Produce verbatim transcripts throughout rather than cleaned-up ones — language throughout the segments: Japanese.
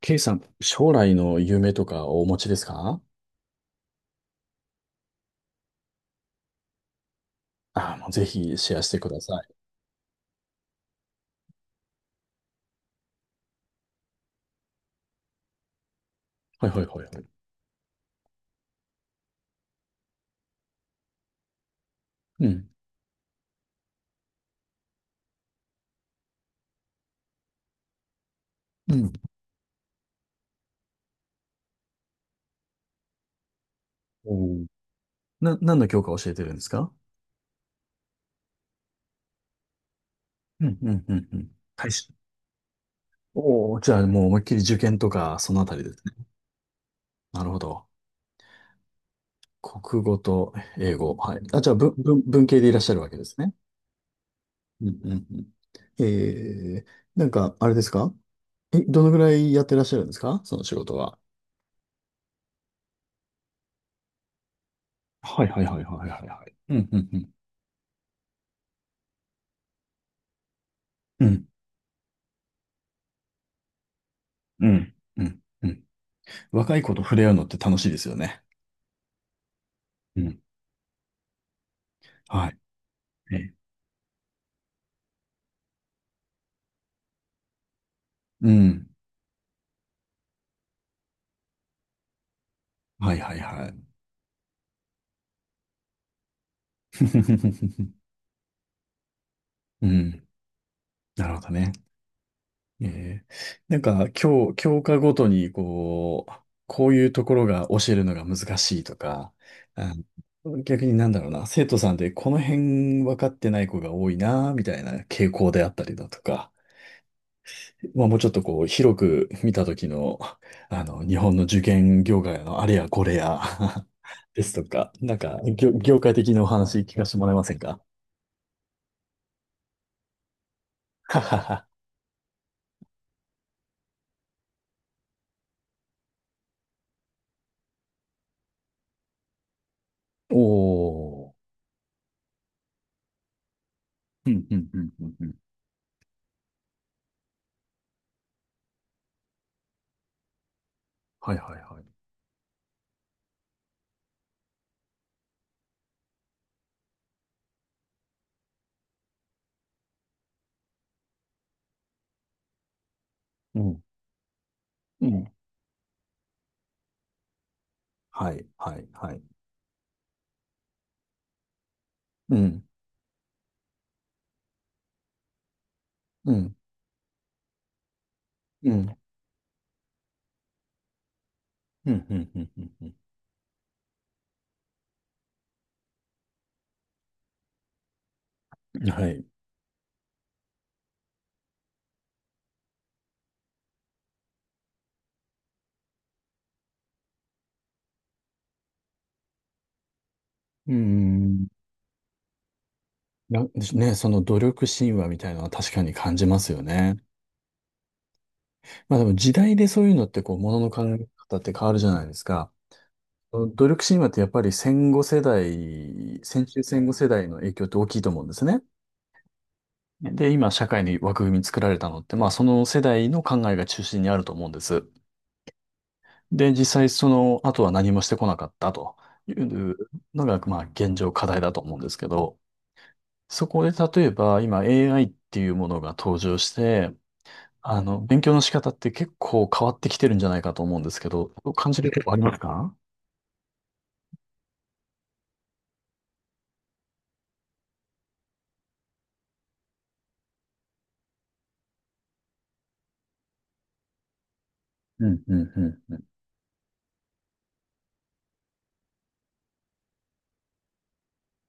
K さん、将来の夢とかお持ちですか？ああー、もうぜひシェアしてください。はいはいはいはい。うん。うん。おー、な、何の教科を教えてるんですか？うんうんうんうん。はいし。おお、じゃあもう思いっきり受験とか、そのあたりですね。なるほど。国語と英語。はい。あ、じゃあ文、文、文系でいらっしゃるわけですね。うんうんうん。えー、なんか、あれですか？え、どのぐらいやってらっしゃるんですか、その仕事は？はいはいはいはいはいはい。うんうん。うんうんうん。うんうん。若い子と触れ合うのって楽しいですよね。うん。はい。ね、うん。はいはいはい。うん。なるほどね。えー、なんか、教、教科ごとに、こう、こういうところが教えるのが難しいとか、あ、逆になんだろうな、生徒さんでこの辺分かってない子が多いな、みたいな傾向であったりだとか、まあ、もうちょっとこう、広く見た時の、あの、日本の受験業界のあれやこれや ですとか、なんか、業、業界的なお話聞かせてもらえませんか？ははは おー。うん、うん、うん、うん。うん、はい、はい、はい。うん、うん。はい、はい、はい。うん、うん、うん、うん、うん、うん、うん。うん、はい。うん。なね、その努力神話みたいなのは確かに感じますよね。まあでも時代でそういうのってこう、ものの考え方って変わるじゃないですか。努力神話ってやっぱり戦後世代、戦中戦後世代の影響って大きいと思うんですね。で、今社会に枠組み作られたのって、まあその世代の考えが中心にあると思うんです。で、実際その後は何もしてこなかったというのが、まあ現状課題だと思うんですけど、そこで例えば今 エーアイ っていうものが登場して、あの、勉強の仕方って結構変わってきてるんじゃないかと思うんですけど、そう感じるとこありますか？うん、うん、うん、うん。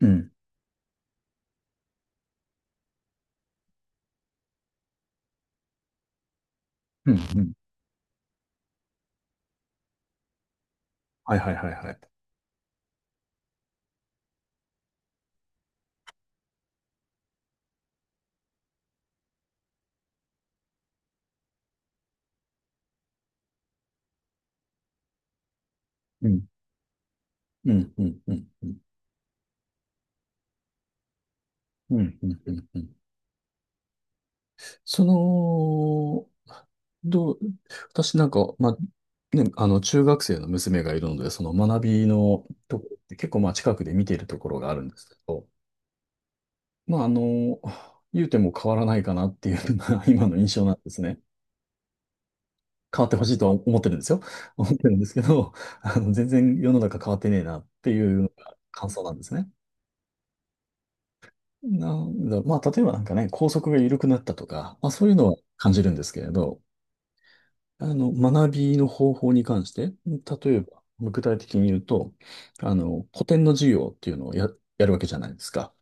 うん、うん、うん。はいはいはいはい。うん、うん、うん、うん、うん、うん、うん、うん。うん。その、どう、私なんか、まあ、ね、あの、中学生の娘がいるので、その学びのところって結構、まあ、近くで見ているところがあるんですけど、まあ、あの、言うても変わらないかなっていうのが 今の印象なんですね。変わってほしいとは思ってるんですよ。思ってるんですけど、あの、全然世の中変わってねえなっていうのが感想なんですね。なんだ、まあ、例えばなんかね、校則が緩くなったとか、まあ、そういうのは感じるんですけれど、あの、学びの方法に関して、例えば、具体的に言うと、あの、古典の授業っていうのをや、やるわけじゃないですか。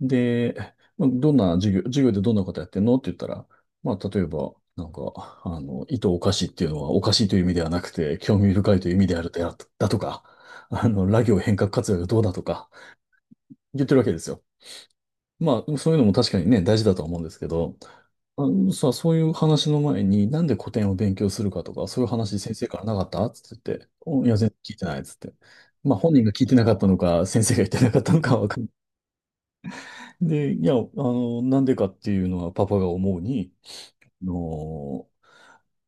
で、まあどんな授業、授業でどんなことやってんのって言ったら、まあ、例えば、なんか、あの、意図おかしいっていうのはおかしいという意味ではなくて、興味深いという意味であるだ、だとか、あの、ラ行変革活用がどうだとか、言ってるわけですよ。まあ、そういうのも確かにね、大事だとは思うんですけど、あのさ、そういう話の前に、なんで古典を勉強するかとか、そういう話先生からなかったっつって言って、おいや、全然聞いてないっつって。まあ、本人が聞いてなかったのか、先生が言ってなかったのかはわかんない。で、いや、あの、なんでかっていうのはパパが思うに、あの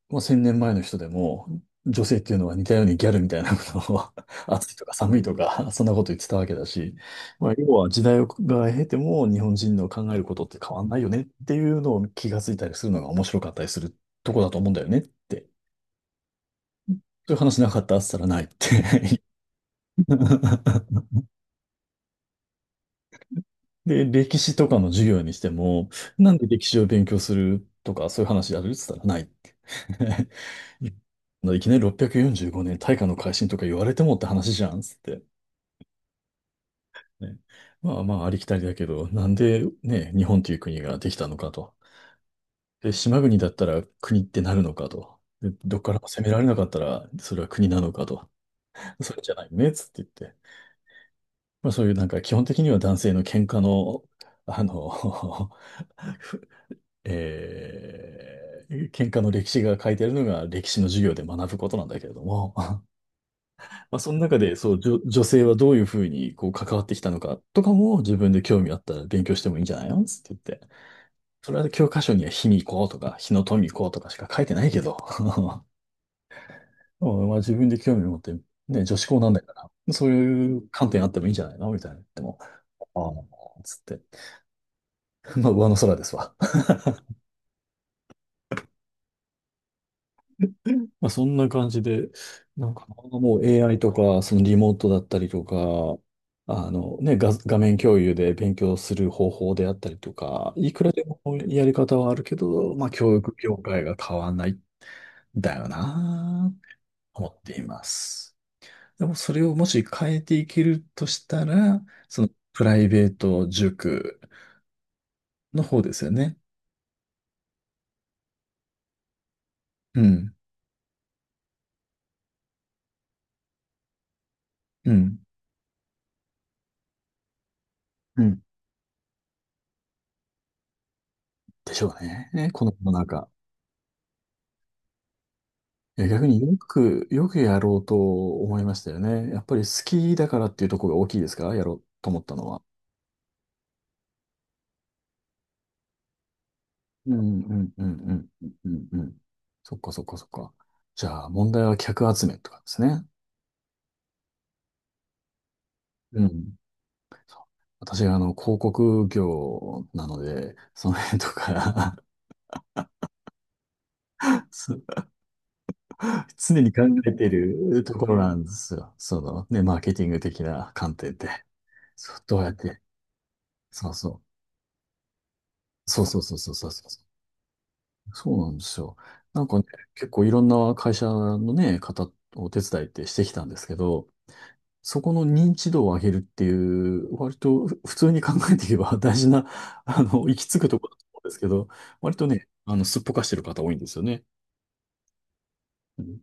もうせんねんまえの人でも、女性っていうのは似たようにギャルみたいなことを 暑いとか寒いとか、そんなこと言ってたわけだし、まあ、要は時代をが経ても日本人の考えることって変わんないよねっていうのを気がついたりするのが面白かったりするとこだと思うんだよねって。そういう話なかったっつったらないって。で、歴史とかの授業にしても、なんで歴史を勉強するとか、そういう話やるっつったらないって。いいきなりろっぴゃくよんじゅうごねん大化の改新とか言われてもって話じゃんっつって。ね、まあまあありきたりだけど、なんでね、日本という国ができたのかと。で、島国だったら国ってなるのかと。で、どっからも攻められなかったらそれは国なのかと。それじゃないよねっつって言って。まあそういうなんか基本的には男性の喧嘩の、あの ふえー喧嘩の歴史が書いてあるのが歴史の授業で学ぶことなんだけれども、まあ、その中で、そう、女、女性はどういうふうに、こう、関わってきたのかとかも、自分で興味あったら勉強してもいいんじゃないのつって言って。それは教科書には卑弥呼とか、日野富子とかしか書いてないけど。でもまあ、自分で興味持って、ね、女子校なんだから、そういう観点あってもいいんじゃないのみたいな。でも、ああ、つって。まあ、上の空ですわ。まあ、そんな感じで、なんかもう エーアイ とか、そのリモートだったりとか、あのね、画、画面共有で勉強する方法であったりとか、いくらでもやり方はあるけど、まあ、教育業界が変わんないんだよなぁ、思っています。でもそれをもし変えていけるとしたら、そのプライベート塾の方ですよね。うん、うん、うん。でしょうね。この世の中。いや、逆によく、よくやろうと思いましたよね。やっぱり好きだからっていうところが大きいですか、やろうと思ったのは？うんうんうんうんうんうんうん。そっかそっかそっか。じゃあ問題は客集めとかですね。うん。そう、私があの広告業なので、その辺とか そう常に考えているところなんですよ。そのね、マーケティング的な観点で。そう、どうやって、そうそう。そうそうそうそうそうそう。そうなんですよ。なんかね、結構いろんな会社のね、方を手伝いってしてきたんですけど、そこの認知度を上げるっていう、割とふ 普通に考えていけば 大事な、あの、行き着くところだと思うんですけど、割とね、あの、すっぽかしてる方多いんですよね。うん、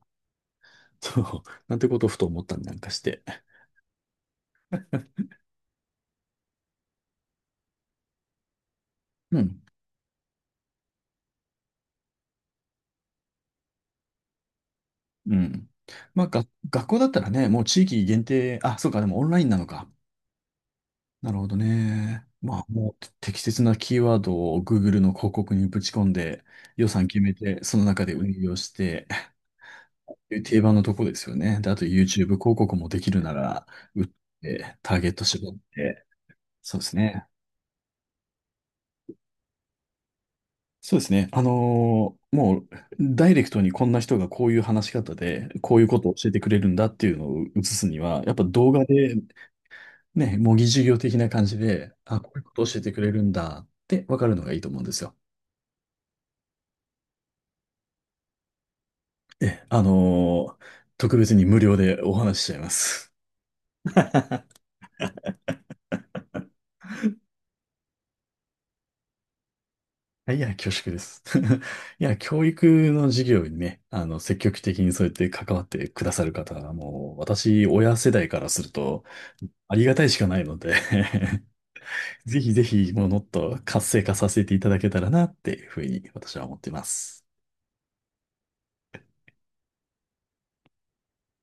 そう、なんてことをふと思ったりなんかして。うん。うん。まあ、が、学校だったらね、もう地域限定、あ、そうか、でもオンラインなのか。なるほどね。まあ、もう適切なキーワードを Google の広告にぶち込んで、予算決めて、その中で運用して、定番のとこですよね。で、あと YouTube 広告もできるなら、打って、ターゲット絞って、そうですね。そうですね。あのーもう、ダイレクトにこんな人がこういう話し方で、こういうことを教えてくれるんだっていうのを映すには、やっぱ動画で、ね、模擬授業的な感じで、あ、こういうことを教えてくれるんだって分かるのがいいと思うんですよ。え、あのー特別に無料でお話ししちゃいます。はい、いや、恐縮です。いや、教育の授業にね、あの、積極的にそうやって関わってくださる方は、もう、私、親世代からすると、ありがたいしかないので ぜひぜひ、もう、もっと活性化させていただけたらな、っていうふうに、私は思っています。